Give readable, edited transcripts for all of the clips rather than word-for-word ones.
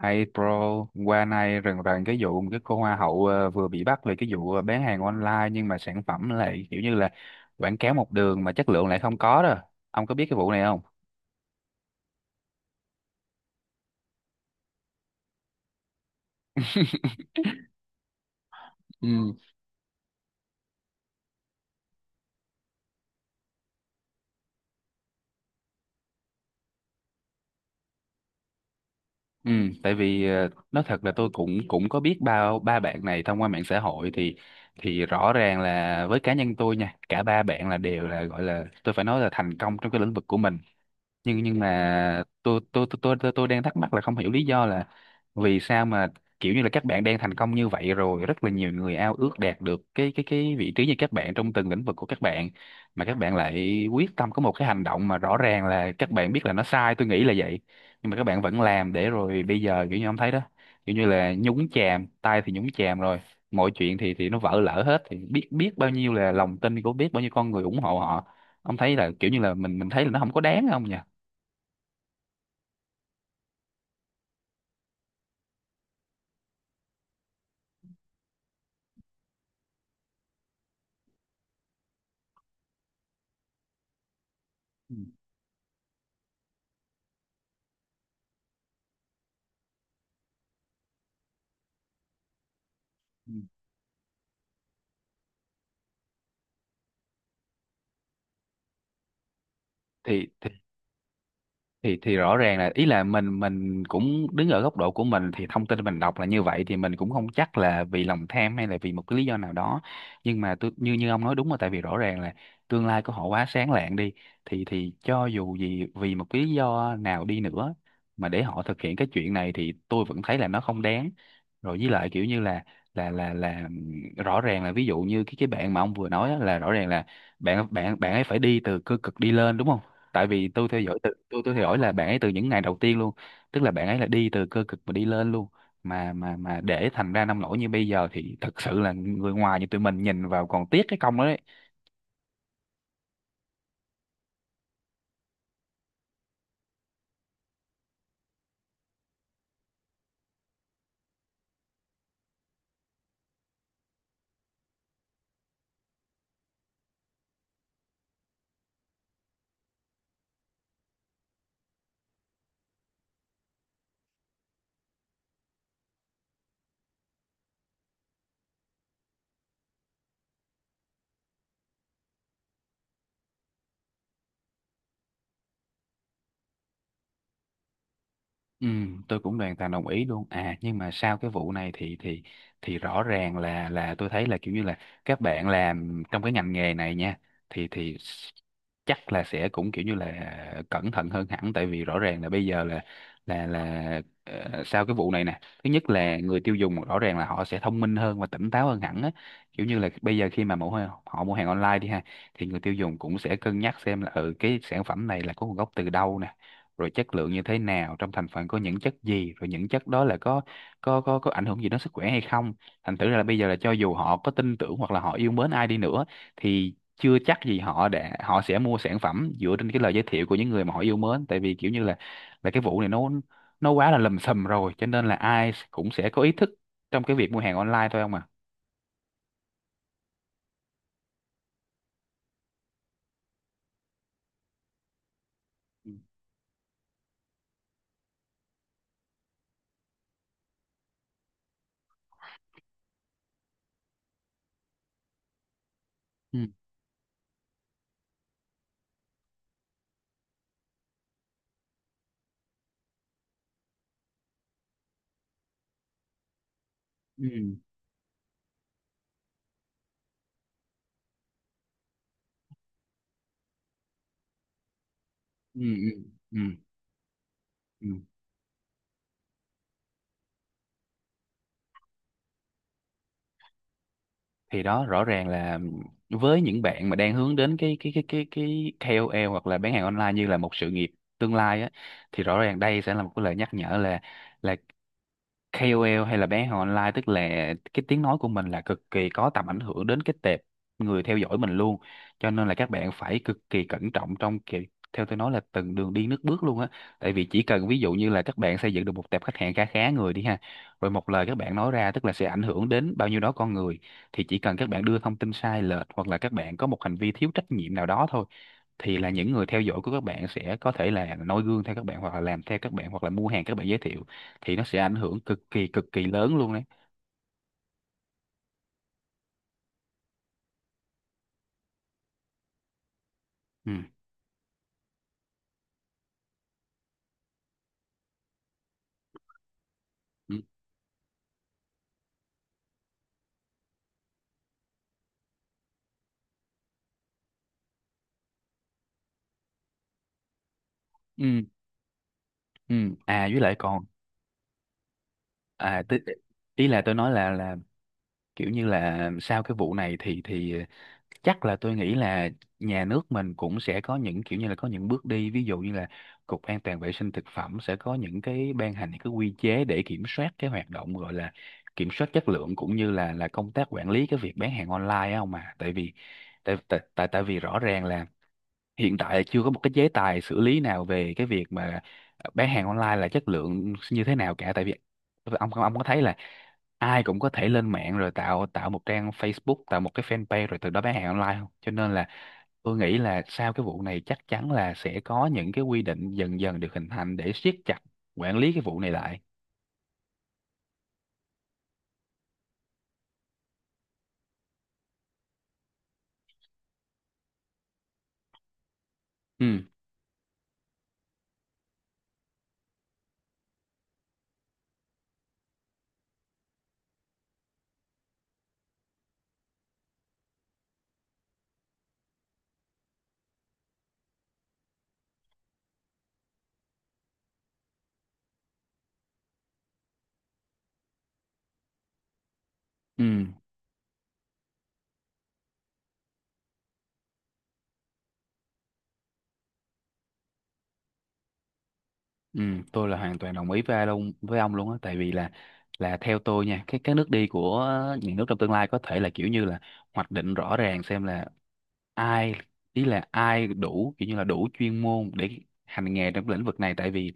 Hey bro, qua nay rần rần cái vụ một cái cô hoa hậu vừa bị bắt về cái vụ bán hàng online nhưng mà sản phẩm lại kiểu như là quảng cáo một đường mà chất lượng lại không có đó. Ông có biết cái vụ này không? Ừ. Ừ, tại vì nói thật là tôi cũng cũng có biết ba ba bạn này thông qua mạng xã hội thì rõ ràng là với cá nhân tôi nha, cả ba bạn là đều là gọi là tôi phải nói là thành công trong cái lĩnh vực của mình nhưng mà tôi đang thắc mắc là không hiểu lý do là vì sao mà kiểu như là các bạn đang thành công như vậy rồi rất là nhiều người ao ước đạt được cái vị trí như các bạn trong từng lĩnh vực của các bạn mà các bạn lại quyết tâm có một cái hành động mà rõ ràng là các bạn biết là nó sai, tôi nghĩ là vậy, nhưng mà các bạn vẫn làm để rồi bây giờ kiểu như ông thấy đó, kiểu như là nhúng chàm tay thì nhúng chàm rồi, mọi chuyện thì nó vỡ lở hết thì biết biết bao nhiêu là lòng tin của biết bao nhiêu con người ủng hộ họ. Ông thấy là kiểu như là mình thấy là nó không có đáng không nhỉ? Ừ, ừ. thì thì thì rõ ràng là ý là mình cũng đứng ở góc độ của mình thì thông tin mình đọc là như vậy thì mình cũng không chắc là vì lòng tham hay là vì một cái lý do nào đó, nhưng mà tôi như như ông nói đúng, là tại vì rõ ràng là tương lai của họ quá sáng lạng đi thì cho dù gì vì một cái lý do nào đi nữa mà để họ thực hiện cái chuyện này thì tôi vẫn thấy là nó không đáng. Rồi với lại kiểu như là là rõ ràng là ví dụ như cái bạn mà ông vừa nói á, là rõ ràng là bạn bạn bạn ấy phải đi từ cơ cực đi lên đúng không, tại vì tôi theo dõi từ tôi theo dõi là bạn ấy từ những ngày đầu tiên luôn, tức là bạn ấy là đi từ cơ cực mà đi lên luôn mà mà để thành ra nông nổi như bây giờ thì thật sự là người ngoài như tụi mình nhìn vào còn tiếc cái công đó đấy. Ừ, tôi cũng hoàn toàn đồng ý luôn. À nhưng mà sau cái vụ này thì rõ ràng là tôi thấy là kiểu như là các bạn làm trong cái ngành nghề này nha thì chắc là sẽ cũng kiểu như là cẩn thận hơn hẳn tại vì rõ ràng là bây giờ là là sau cái vụ này nè, thứ nhất là người tiêu dùng rõ ràng là họ sẽ thông minh hơn và tỉnh táo hơn hẳn á. Kiểu như là bây giờ khi mà họ mua hàng online đi ha thì người tiêu dùng cũng sẽ cân nhắc xem là ừ cái sản phẩm này là có nguồn gốc từ đâu nè, rồi chất lượng như thế nào, trong thành phần có những chất gì, rồi những chất đó là có có ảnh hưởng gì đến sức khỏe hay không. Thành thử ra là bây giờ là cho dù họ có tin tưởng hoặc là họ yêu mến ai đi nữa thì chưa chắc gì họ để họ sẽ mua sản phẩm dựa trên cái lời giới thiệu của những người mà họ yêu mến, tại vì kiểu như là cái vụ này nó quá là lầm sầm rồi cho nên là ai cũng sẽ có ý thức trong cái việc mua hàng online thôi không à. Ừ. Ừ. Ừ. Ừ. Ừ. Ừ. Thì đó rõ ràng là với những bạn mà đang hướng đến cái KOL hoặc là bán hàng online như là một sự nghiệp tương lai á thì rõ ràng đây sẽ là một cái lời nhắc nhở là KOL hay là bán hàng online, tức là cái tiếng nói của mình là cực kỳ có tầm ảnh hưởng đến cái tệp người theo dõi mình luôn, cho nên là các bạn phải cực kỳ cẩn trọng trong kiểu theo tôi nói là từng đường đi nước bước luôn á, tại vì chỉ cần ví dụ như là các bạn xây dựng được một tệp khách hàng khá khá người đi ha rồi một lời các bạn nói ra tức là sẽ ảnh hưởng đến bao nhiêu đó con người thì chỉ cần các bạn đưa thông tin sai lệch hoặc là các bạn có một hành vi thiếu trách nhiệm nào đó thôi thì là những người theo dõi của các bạn sẽ có thể là noi gương theo các bạn hoặc là làm theo các bạn hoặc là mua hàng các bạn giới thiệu thì nó sẽ ảnh hưởng cực kỳ lớn luôn đấy. Ừ. Ừ. Ừ. Ừ. À với lại còn à tí- ý là tôi nói là kiểu như là sau cái vụ này thì chắc là tôi nghĩ là nhà nước mình cũng sẽ có những kiểu như là có những bước đi, ví dụ như là Cục An toàn vệ sinh thực phẩm sẽ có những cái ban hành những cái quy chế để kiểm soát cái hoạt động gọi là kiểm soát chất lượng cũng như là công tác quản lý cái việc bán hàng online á không mà, tại vì tại tại tại tại vì rõ ràng là hiện tại là chưa có một cái chế tài xử lý nào về cái việc mà bán hàng online là chất lượng như thế nào cả, tại vì ông có thấy là ai cũng có thể lên mạng rồi tạo tạo một trang Facebook, tạo một cái fanpage rồi từ đó bán hàng online không, cho nên là tôi nghĩ là sau cái vụ này chắc chắn là sẽ có những cái quy định dần dần được hình thành để siết chặt quản lý cái vụ này lại. Ừ. Ừ. Ừ, tôi là hoàn toàn đồng ý với ai luôn, với ông luôn á, tại vì là theo tôi nha cái nước đi của những nước trong tương lai có thể là kiểu như là hoạch định rõ ràng xem là ai ý là ai đủ kiểu như là đủ chuyên môn để hành nghề trong lĩnh vực này, tại vì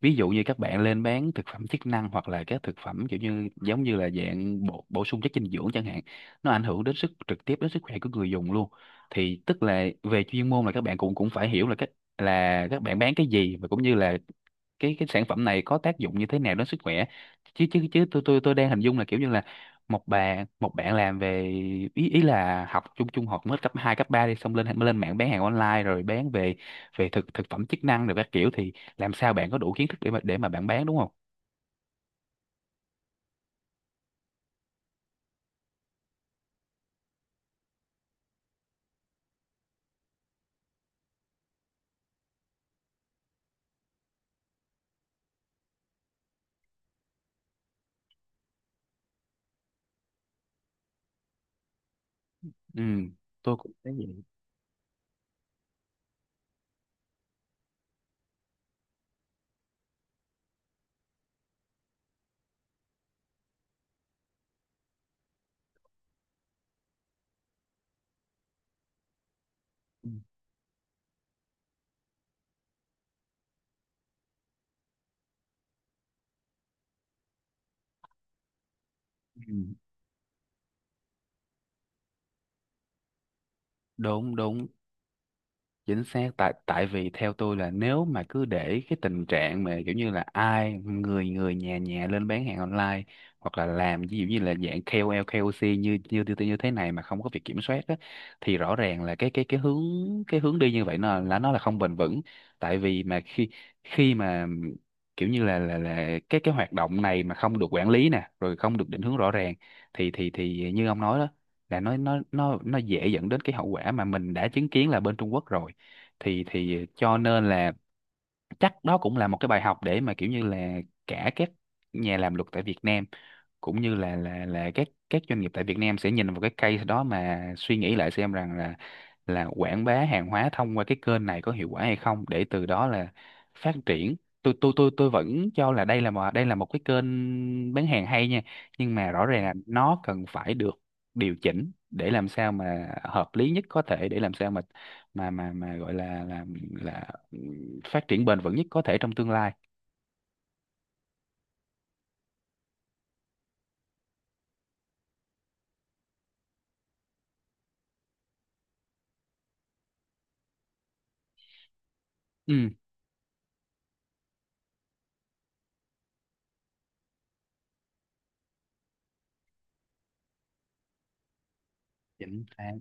ví dụ như các bạn lên bán thực phẩm chức năng hoặc là các thực phẩm kiểu như giống như là dạng bổ, bổ sung chất dinh dưỡng chẳng hạn, nó ảnh hưởng đến sức trực tiếp đến sức khỏe của người dùng luôn, thì tức là về chuyên môn là các bạn cũng cũng phải hiểu là các bạn bán cái gì và cũng như là cái sản phẩm này có tác dụng như thế nào đến sức khỏe, chứ chứ chứ tôi đang hình dung là kiểu như là một bạn làm về ý ý là học trung trung học mới cấp 2 cấp 3 đi xong lên lên mạng bán hàng online rồi bán về về thực thực phẩm chức năng rồi các kiểu thì làm sao bạn có đủ kiến thức để mà bạn bán đúng không. Ừ, tôi cũng thấy vậy. Ừ. Ừ, đúng đúng, chính xác. Tại tại vì theo tôi là nếu mà cứ để cái tình trạng mà kiểu như là ai người người nhà nhà lên bán hàng online hoặc là làm ví dụ như là dạng KOL KOC như như như như thế này mà không có việc kiểm soát á, thì rõ ràng là cái hướng cái hướng đi như vậy nó là nó không bền vững, tại vì mà khi khi mà kiểu như là là cái hoạt động này mà không được quản lý nè rồi không được định hướng rõ ràng thì thì như ông nói đó là nó dễ dẫn đến cái hậu quả mà mình đã chứng kiến là bên Trung Quốc rồi, thì cho nên là chắc đó cũng là một cái bài học để mà kiểu như là cả các nhà làm luật tại Việt Nam cũng như là là các doanh nghiệp tại Việt Nam sẽ nhìn vào cái case đó mà suy nghĩ lại xem rằng là quảng bá hàng hóa thông qua cái kênh này có hiệu quả hay không để từ đó là phát triển. Tôi vẫn cho là đây là một cái kênh bán hàng hay nha nhưng mà rõ ràng là nó cần phải được điều chỉnh để làm sao mà hợp lý nhất có thể để làm sao mà mà gọi là là phát triển bền vững nhất có thể trong tương lai. Ừ, chính xác.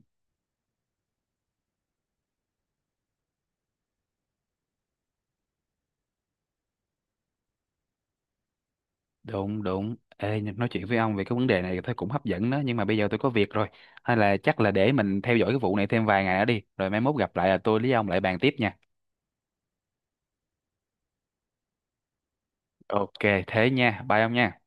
Đúng đúng. Ê, nhưng nói chuyện với ông về cái vấn đề này thấy cũng hấp dẫn đó, nhưng mà bây giờ tôi có việc rồi. Hay là chắc là để mình theo dõi cái vụ này thêm vài ngày nữa đi. Rồi mai mốt gặp lại là tôi với ông lại bàn tiếp nha. Ok, thế nha. Bye ông nha.